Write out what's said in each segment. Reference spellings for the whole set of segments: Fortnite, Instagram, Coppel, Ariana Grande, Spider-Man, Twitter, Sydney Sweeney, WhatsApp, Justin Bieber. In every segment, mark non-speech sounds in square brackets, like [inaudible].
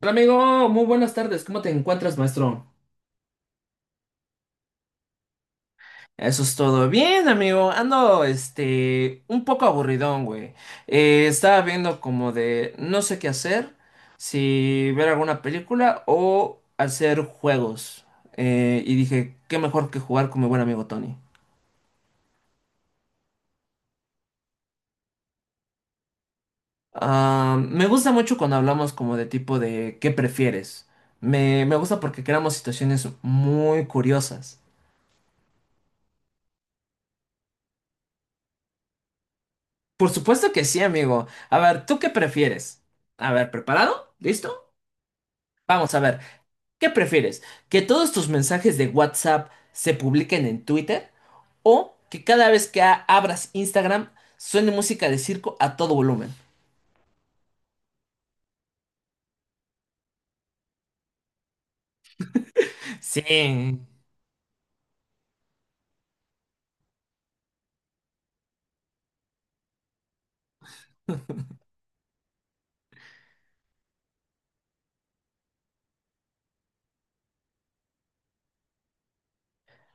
Hola amigo, muy buenas tardes. ¿Cómo te encuentras, maestro? Eso es todo. Bien, amigo. Ando, un poco aburridón, güey. Estaba viendo como de no sé qué hacer, si ver alguna película o hacer juegos. Y dije, qué mejor que jugar con mi buen amigo Tony. Ah, me gusta mucho cuando hablamos como de tipo de qué prefieres. Me gusta porque creamos situaciones muy curiosas. Por supuesto que sí, amigo. A ver, ¿tú qué prefieres? A ver, ¿preparado? ¿Listo? Vamos a ver, ¿qué prefieres? ¿Que todos tus mensajes de WhatsApp se publiquen en Twitter? ¿O que cada vez que abras Instagram suene música de circo a todo volumen? Sí.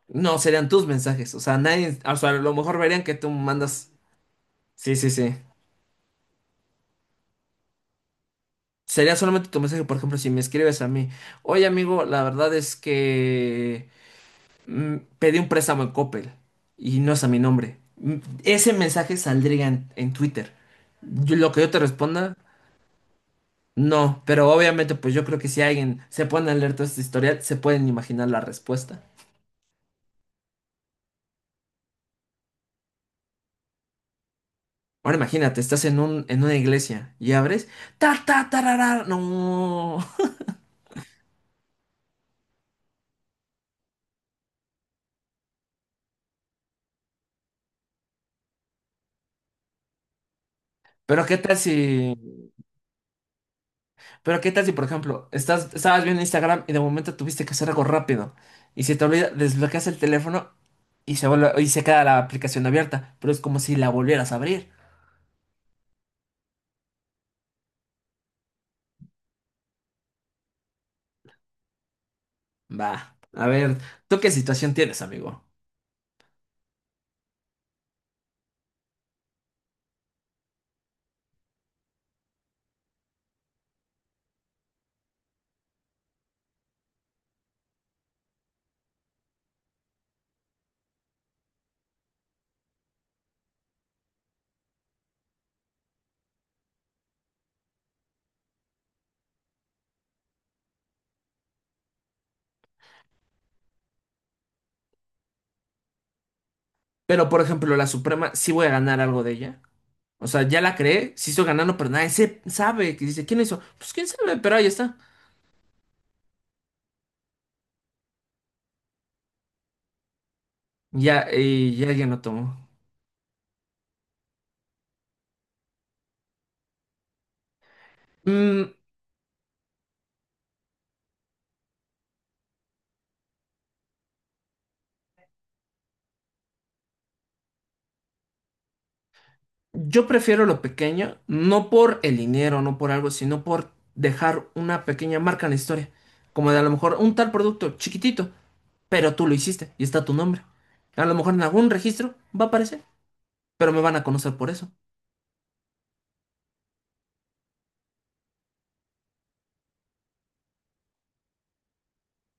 No, serían tus mensajes. O sea, nadie, o sea, a lo mejor verían que tú mandas. Sí, sí, sí. Sería solamente tu mensaje, por ejemplo, si me escribes a mí. Oye, amigo, la verdad es que pedí un préstamo en Coppel y no es a mi nombre. Ese mensaje saldría en Twitter. Lo que yo te responda, no. Pero obviamente, pues yo creo que si alguien se pone a leer todo este historial, se pueden imaginar la respuesta. Ahora imagínate, estás en en una iglesia y abres. Ta, ta, tarara, no. [laughs] Pero qué tal si. Pero qué tal si, por ejemplo, estabas viendo Instagram y de momento tuviste que hacer algo rápido y se te olvida, desbloqueas el teléfono y se queda la aplicación abierta, pero es como si la volvieras a abrir. Va, a ver, ¿tú qué situación tienes, amigo? Pero, por ejemplo, la Suprema, sí voy a ganar algo de ella. O sea, ya la creé, sí estoy ganando, pero nadie se sabe. Que dice, ¿quién hizo? Pues quién sabe, pero ahí está. Ya, y ya alguien lo tomó. Mm, Yo prefiero lo pequeño, no por el dinero, no por algo, sino por dejar una pequeña marca en la historia. Como de a lo mejor un tal producto chiquitito, pero tú lo hiciste y está tu nombre. A lo mejor en algún registro va a aparecer, pero me van a conocer por eso.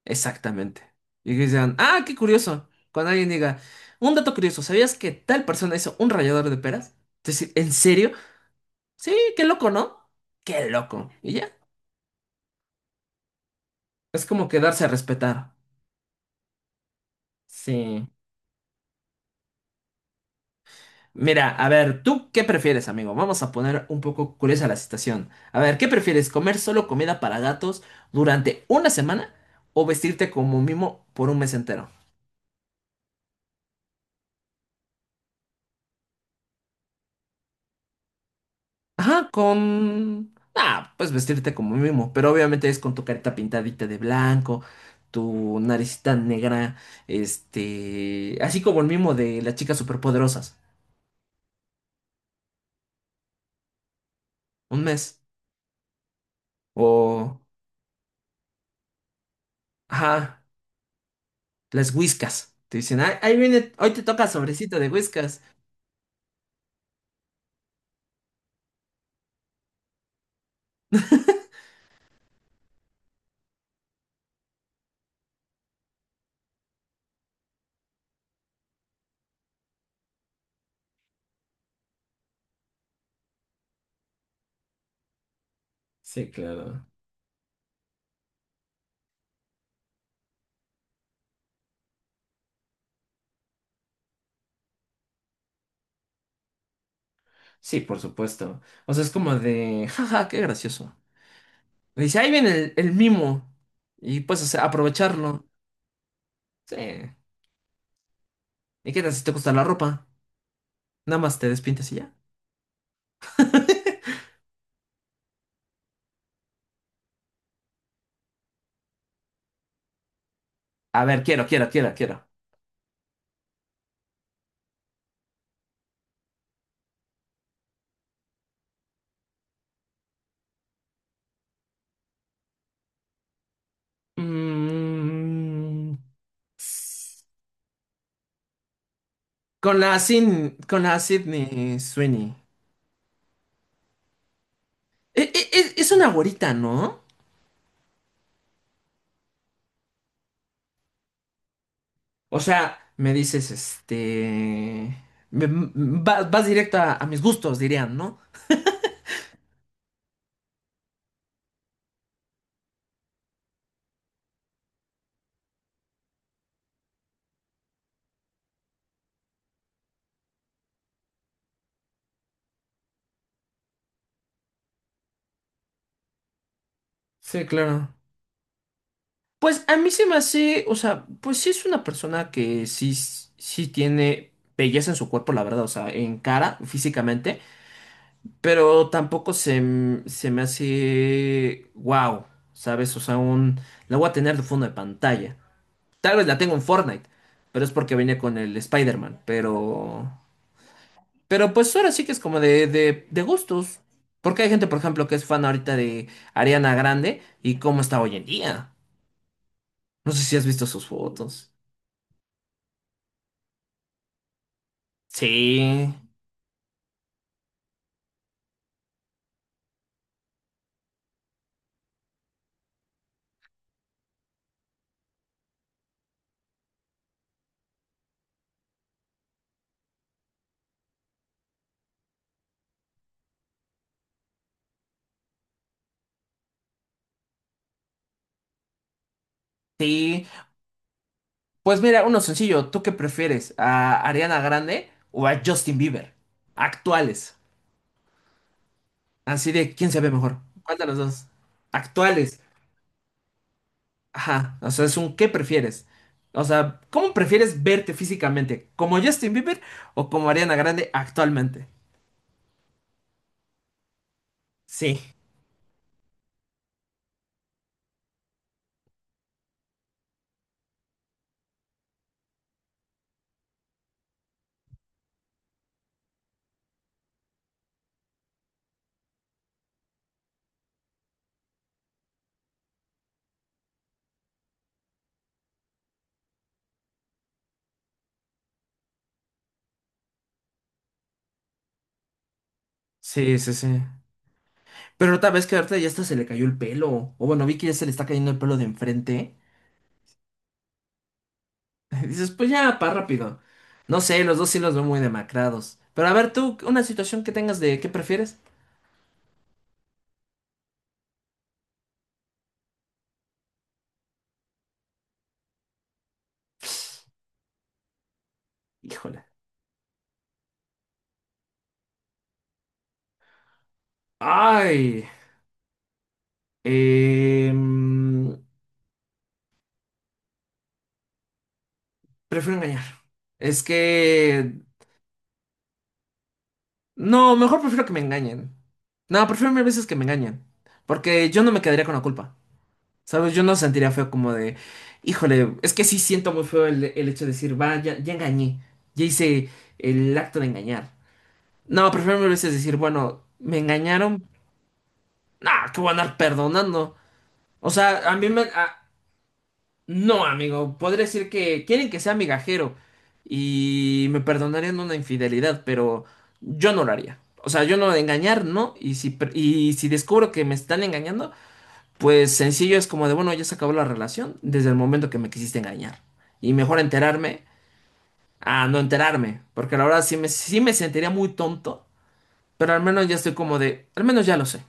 Exactamente. Y que digan, ah, qué curioso. Cuando alguien diga, un dato curioso, ¿sabías que tal persona hizo un rallador de peras? Decir, ¿en serio? Sí, qué loco, ¿no? Qué loco. Y ya. Es como que darse a respetar. Sí. Mira, a ver, ¿tú qué prefieres, amigo? Vamos a poner un poco curiosa la situación. A ver, ¿qué prefieres? ¿Comer solo comida para gatos durante una semana o vestirte como mimo por un mes entero? Ajá, con... Ah, pues vestirte como mimo, pero obviamente es con tu carita pintadita de blanco, tu naricita negra, Así como el mimo de las chicas superpoderosas. Un mes. O... Ajá, las whiskas. Te dicen, "Ah, ahí viene, hoy te toca sobrecito de whiskas. Sí, claro. Sí, por supuesto. O sea, es como de, jaja, qué gracioso. Y dice, ahí viene el mimo. Y pues, o sea, aprovecharlo. Sí. ¿Y qué tal si te gusta la ropa? Nada más te despintas y ya. [laughs] A ver, quiero, quiero, quiero, quiero. Mm, con la Sin, con la Sydney Sweeney. Es una güerita, ¿no? O sea, me dices, vas, vas directo a mis gustos, dirían, ¿no? Sí, claro. Pues a mí se me hace, o sea, pues sí es una persona que sí tiene belleza en su cuerpo, la verdad, o sea, en cara, físicamente, pero tampoco se me hace wow, ¿sabes? O sea, un, la voy a tener de fondo de pantalla. Tal vez la tengo en Fortnite, pero es porque venía con el Spider-Man, pero... Pero pues ahora sí que es como de gustos, porque hay gente, por ejemplo, que es fan ahorita de Ariana Grande y cómo está hoy en día. No sé si has visto sus fotos. Sí, sí. Pues mira, uno sencillo. ¿Tú qué prefieres? ¿A Ariana Grande o a Justin Bieber? Actuales. Así de, ¿quién se ve mejor? ¿Cuál de los dos? Actuales. Ajá. O sea, es un ¿qué prefieres? O sea, ¿cómo prefieres verte físicamente? ¿Como Justin Bieber o como Ariana Grande actualmente? Sí. Sí, sí, sí. Pero tal vez que ahorita ya hasta se le cayó el pelo. O bueno, vi que ya se le está cayendo el pelo de enfrente. [laughs] Dices, pues ya, pa' rápido. No sé, los dos sí los veo muy demacrados. Pero a ver, tú, una situación que tengas de qué prefieres. Híjole. Ay. em, Prefiero engañar. Es que... No, mejor prefiero que me engañen. No, prefiero mil veces que me engañen. Porque yo no me quedaría con la culpa. ¿Sabes? Yo no sentiría feo como de... Híjole, es que sí siento muy feo el hecho de decir, va, ya engañé. Ya hice el acto de engañar. No, prefiero mil veces decir, bueno, me engañaron. Nah, que voy a andar perdonando. O sea, a mí me... a- no, amigo, podría decir que quieren que sea migajero y me perdonarían una infidelidad, pero yo no lo haría. O sea, yo no engañar, no. Y si descubro que me están engañando, pues sencillo es como de, bueno, ya se acabó la relación desde el momento que me quisiste engañar. Y mejor enterarme a no enterarme, porque la verdad sí me sentiría muy tonto, pero al menos ya estoy como de, al menos ya lo sé.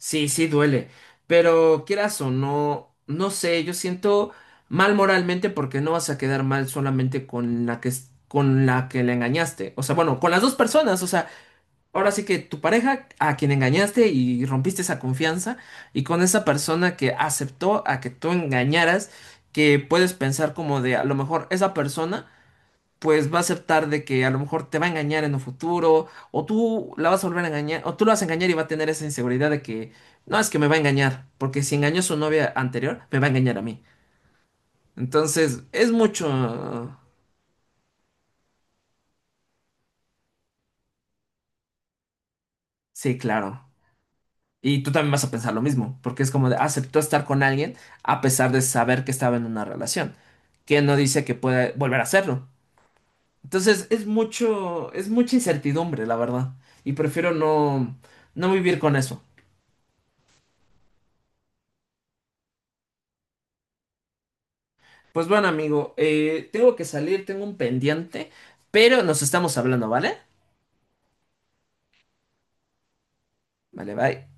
Sí, sí duele, pero quieras o no, no sé, yo siento mal moralmente porque no vas a quedar mal solamente con con la que le engañaste, o sea, bueno, con las dos personas, o sea, ahora sí que tu pareja a quien engañaste y rompiste esa confianza y con esa persona que aceptó a que tú engañaras, que puedes pensar como de a lo mejor esa persona pues va a aceptar de que a lo mejor te va a engañar en un futuro, o tú la vas a volver a engañar, o tú la vas a engañar y va a tener esa inseguridad de que, no, es que me va a engañar, porque si engañó a su novia anterior, me va a engañar a mí. Entonces, es mucho... Sí, claro. Y tú también vas a pensar lo mismo, porque es como de, aceptó estar con alguien a pesar de saber que estaba en una relación, que no dice que pueda volver a hacerlo. Entonces, es mucha incertidumbre, la verdad. Y prefiero no vivir con eso. Pues bueno, amigo, tengo que salir, tengo un pendiente, pero nos estamos hablando, ¿vale? Vale, bye.